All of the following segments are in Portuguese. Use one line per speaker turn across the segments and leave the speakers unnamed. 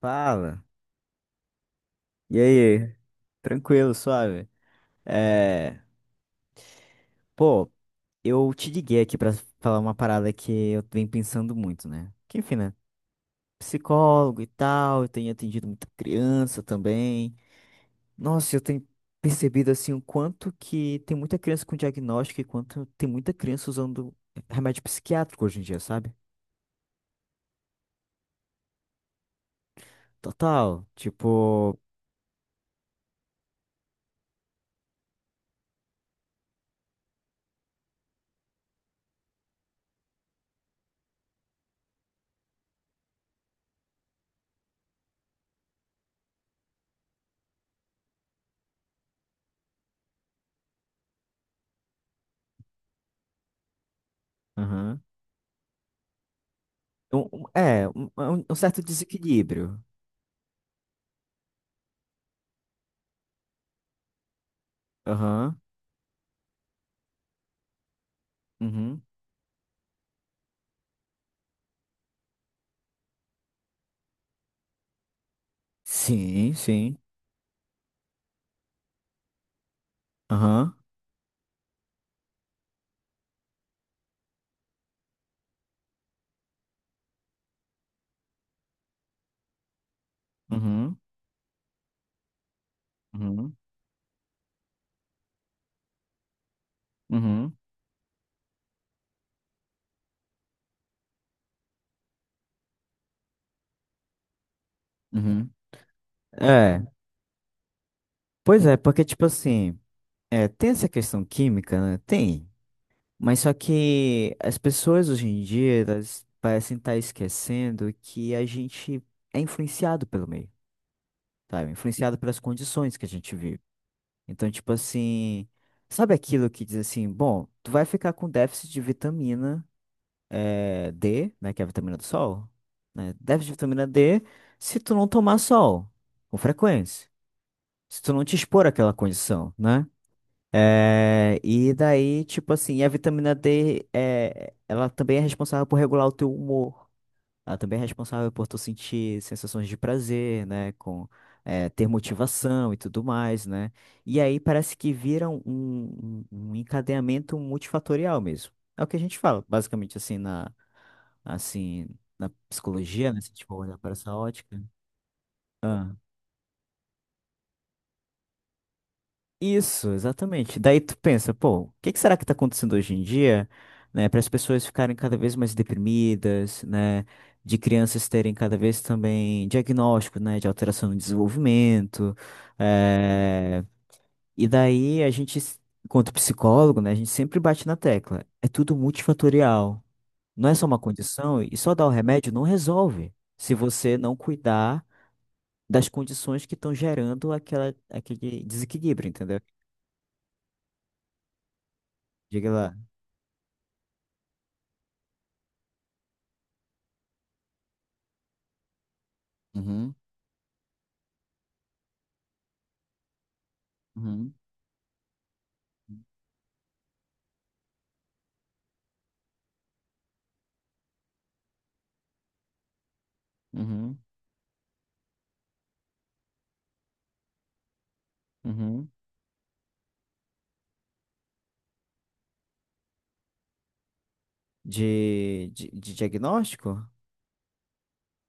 Fala. E aí? Tranquilo, suave. É, pô, eu te liguei aqui pra falar uma parada que eu venho pensando muito, né? Que enfim, né? Psicólogo e tal, eu tenho atendido muita criança também. Nossa, eu tenho percebido assim o quanto que tem muita criança com diagnóstico e quanto tem muita criança usando remédio psiquiátrico hoje em dia, sabe? Total, tipo, aham. Um certo desequilíbrio. Aham. Uhum. Sim, sim. Aham, uhum, uhum, uhum, uhum. É, pois é, porque, tipo assim, tem essa questão química, né? Tem, mas só que as pessoas hoje em dia, elas parecem estar esquecendo que a gente é influenciado pelo meio, sabe? Influenciado pelas condições que a gente vive. Então, tipo assim, sabe aquilo que diz assim, bom, tu vai ficar com déficit de vitamina D, né, que é a vitamina do sol, né, déficit de vitamina D se tu não tomar sol com frequência, se tu não te expor àquela condição, né? É, e daí, tipo assim, a vitamina D, ela também é responsável por regular o teu humor. Ela também é responsável por tu sentir sensações de prazer, né? Com ter motivação e tudo mais, né? E aí parece que viram um encadeamento multifatorial mesmo. É o que a gente fala, basicamente assim assim na psicologia, né? Se a gente for olhar para essa ótica. Isso, exatamente. Daí tu pensa, pô, o que que será que tá acontecendo hoje em dia, né, para as pessoas ficarem cada vez mais deprimidas, né, de crianças terem cada vez também diagnóstico, né, de alteração no desenvolvimento, eh, e daí a gente, enquanto psicólogo, né, a gente sempre bate na tecla, é tudo multifatorial, não é só uma condição e só dar o remédio não resolve, se você não cuidar das condições que estão gerando aquela, aquele desequilíbrio, entendeu? Diga lá. Uhum, uhum, uhum, uhum. De diagnóstico?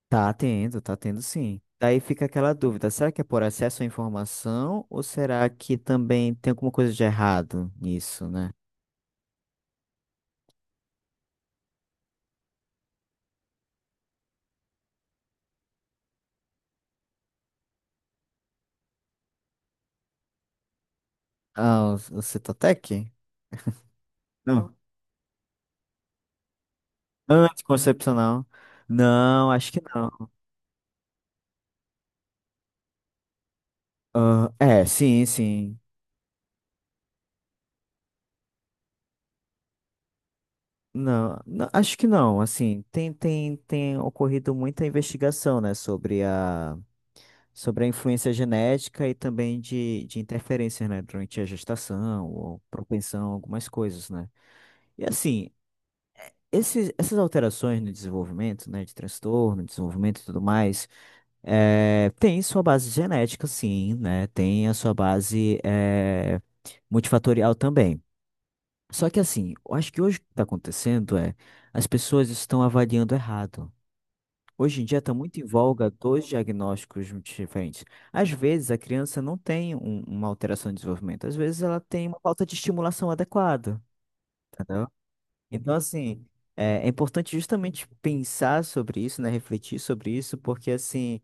Tá tendo sim. Daí fica aquela dúvida, será que é por acesso à informação ou será que também tem alguma coisa de errado nisso, né? Ah, o Citotec? Não. Anticoncepcional? Não, acho que não. Ah, é, sim, sim. Não, não, acho que não. Assim, tem ocorrido muita investigação, né, sobre a influência genética e também de interferências, né, durante a gestação ou propensão a algumas coisas, né? E assim, essas alterações no desenvolvimento, né, de transtorno, desenvolvimento e tudo mais, tem sua base genética, sim, né? Tem a sua base multifatorial também. Só que assim, eu acho que hoje o que está acontecendo é as pessoas estão avaliando errado. Hoje em dia está muito em voga dois diagnósticos diferentes. Às vezes a criança não tem uma alteração de desenvolvimento, às vezes ela tem uma falta de estimulação adequada, entendeu? Então, assim, é importante justamente pensar sobre isso, né? Refletir sobre isso, porque, assim,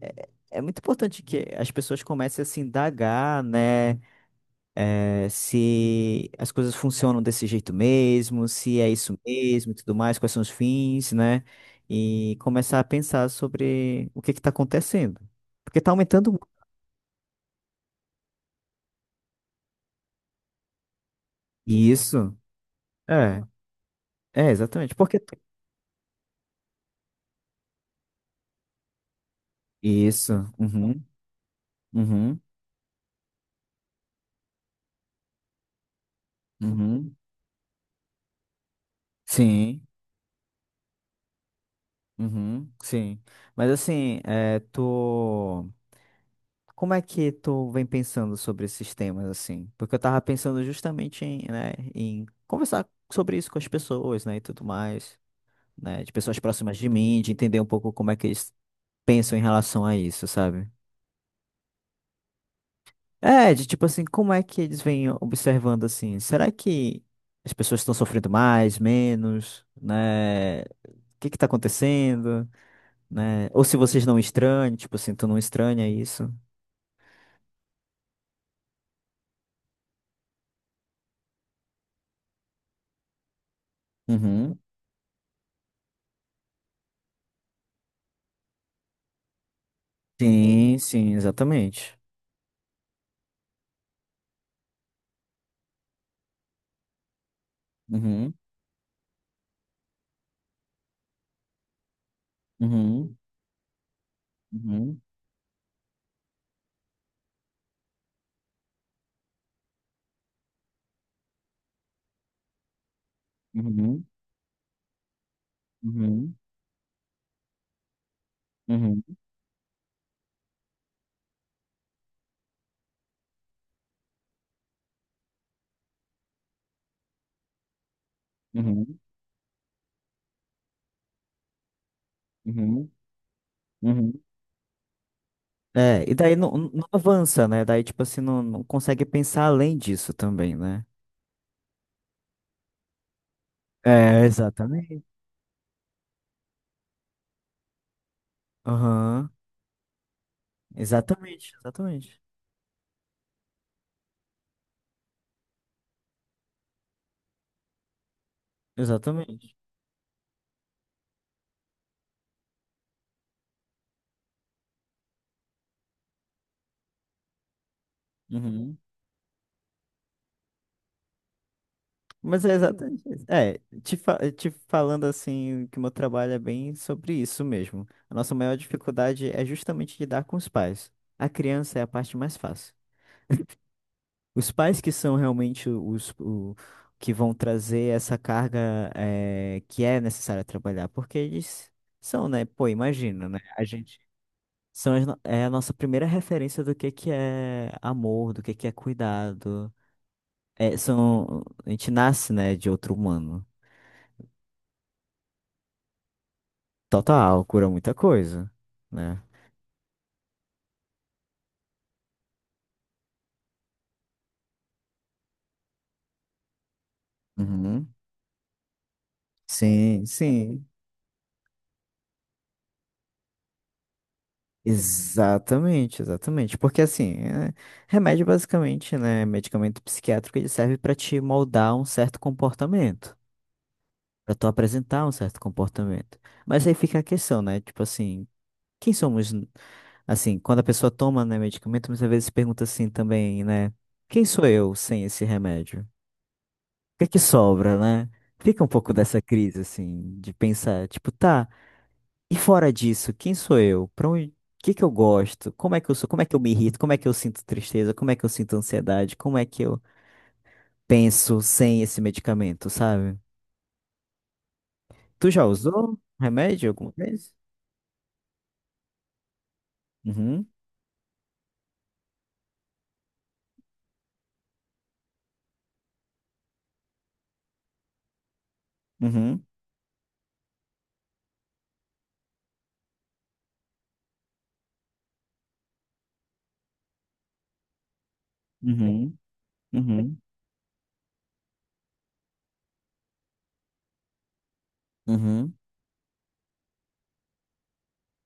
é muito importante que as pessoas comecem a se indagar, né? Se as coisas funcionam desse jeito mesmo, se é isso mesmo e tudo mais, quais são os fins, né? E começar a pensar sobre o que está acontecendo. Porque tá aumentando muito. Isso. É, é, exatamente. Porque tá isso. Uhum, uhum, uhum. Sim, uhum, sim. Mas assim, é, tu. Como é que tu vem pensando sobre esses temas assim? Porque eu tava pensando justamente em, né, em conversar sobre isso com as pessoas, né, e tudo mais, né, de pessoas próximas de mim, de entender um pouco como é que eles pensam em relação a isso, sabe? É, de tipo assim, como é que eles vêm observando assim? Será que as pessoas estão sofrendo mais, menos, né? O que que tá acontecendo, né? Ou se vocês não estranham, tipo assim, tu não estranha isso? Uhum. Sim, sim, exatamente. Uhum. Uhum, uhum, uhum, uhum, uhum, uhum, uhum, uhum. É, e daí não, não avança, né? Daí, tipo assim, não, não consegue pensar além disso também, né? É, exatamente. Aham, exatamente, exatamente. Exatamente. Uhum. Mas é exatamente isso. É, te falando assim, que o meu trabalho é bem sobre isso mesmo. A nossa maior dificuldade é justamente lidar com os pais. A criança é a parte mais fácil. Os pais que são realmente que vão trazer essa carga que é necessária trabalhar, porque eles são, né? Pô, imagina, né? A gente são as no- é a nossa primeira referência do que é amor, do que é cuidado. É, são A gente nasce, né, de outro humano. Total, cura muita coisa, né? Uhum. Sim, sim. Exatamente, exatamente. Porque assim, remédio basicamente, né, medicamento psiquiátrico, ele serve para te moldar um certo comportamento, para tu apresentar um certo comportamento. Mas aí fica a questão, né? Tipo assim, quem somos n- assim, quando a pessoa toma, né, medicamento, muitas vezes se pergunta assim também, né, quem sou eu sem esse remédio? O que é que sobra, né? Fica um pouco dessa crise assim de pensar, tipo, tá, e fora disso, quem sou eu? Para onde. O que que eu gosto? Como é que eu sou? Como é que eu me irrito? Como é que eu sinto tristeza? Como é que eu sinto ansiedade? Como é que eu penso sem esse medicamento, sabe? Tu já usou remédio alguma vez? Uhum, uhum, uhum, uhum, uhum.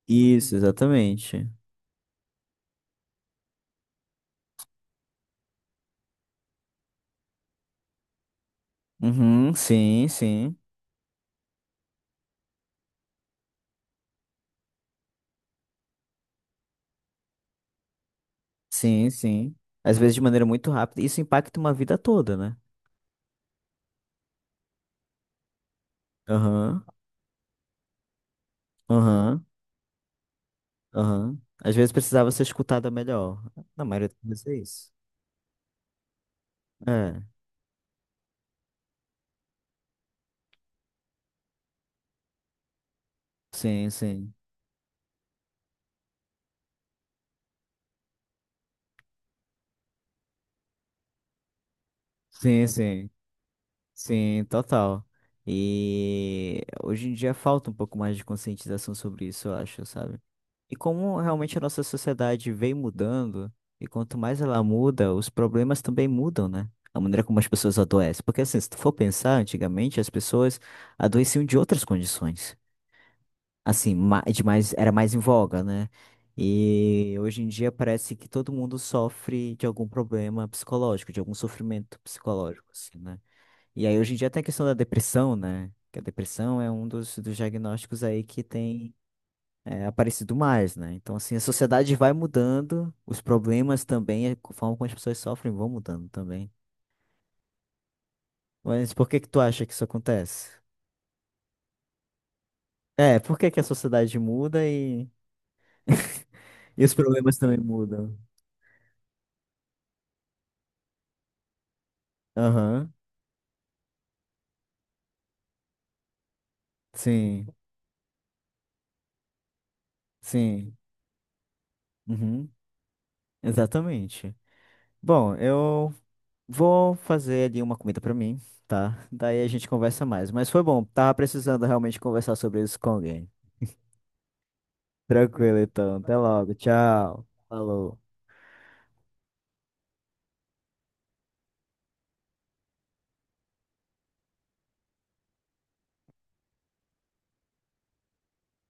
Isso, exatamente. Uhum, sim, sim, sim, sim. Às vezes de maneira muito rápida. Isso impacta uma vida toda, né? Aham, aham, aham. Às vezes precisava ser escutada melhor. Na maioria das vezes é isso. É, sim, sim. Sim, sim. Sim, total. E hoje em dia falta um pouco mais de conscientização sobre isso, eu acho, sabe? E como realmente a nossa sociedade vem mudando, e quanto mais ela muda, os problemas também mudam, né? A maneira como as pessoas adoecem. Porque assim, se tu for pensar, antigamente as pessoas adoeciam de outras condições. Assim, era mais em voga, né? E hoje em dia parece que todo mundo sofre de algum problema psicológico, de algum sofrimento psicológico, assim, né? E aí hoje em dia até a questão da depressão, né? Que a depressão é um dos diagnósticos aí que tem aparecido mais, né? Então, assim, a sociedade vai mudando, os problemas também, a forma como as pessoas sofrem vão mudando também. Mas por que que tu acha que isso acontece? É, por que que a sociedade muda e os problemas também mudam? Aham, sim. Sim, uhum, exatamente. Bom, eu vou fazer ali uma comida pra mim, tá? Daí a gente conversa mais. Mas foi bom, tava precisando realmente conversar sobre isso com alguém. Tranquilo, então. Até logo. Tchau. Falou.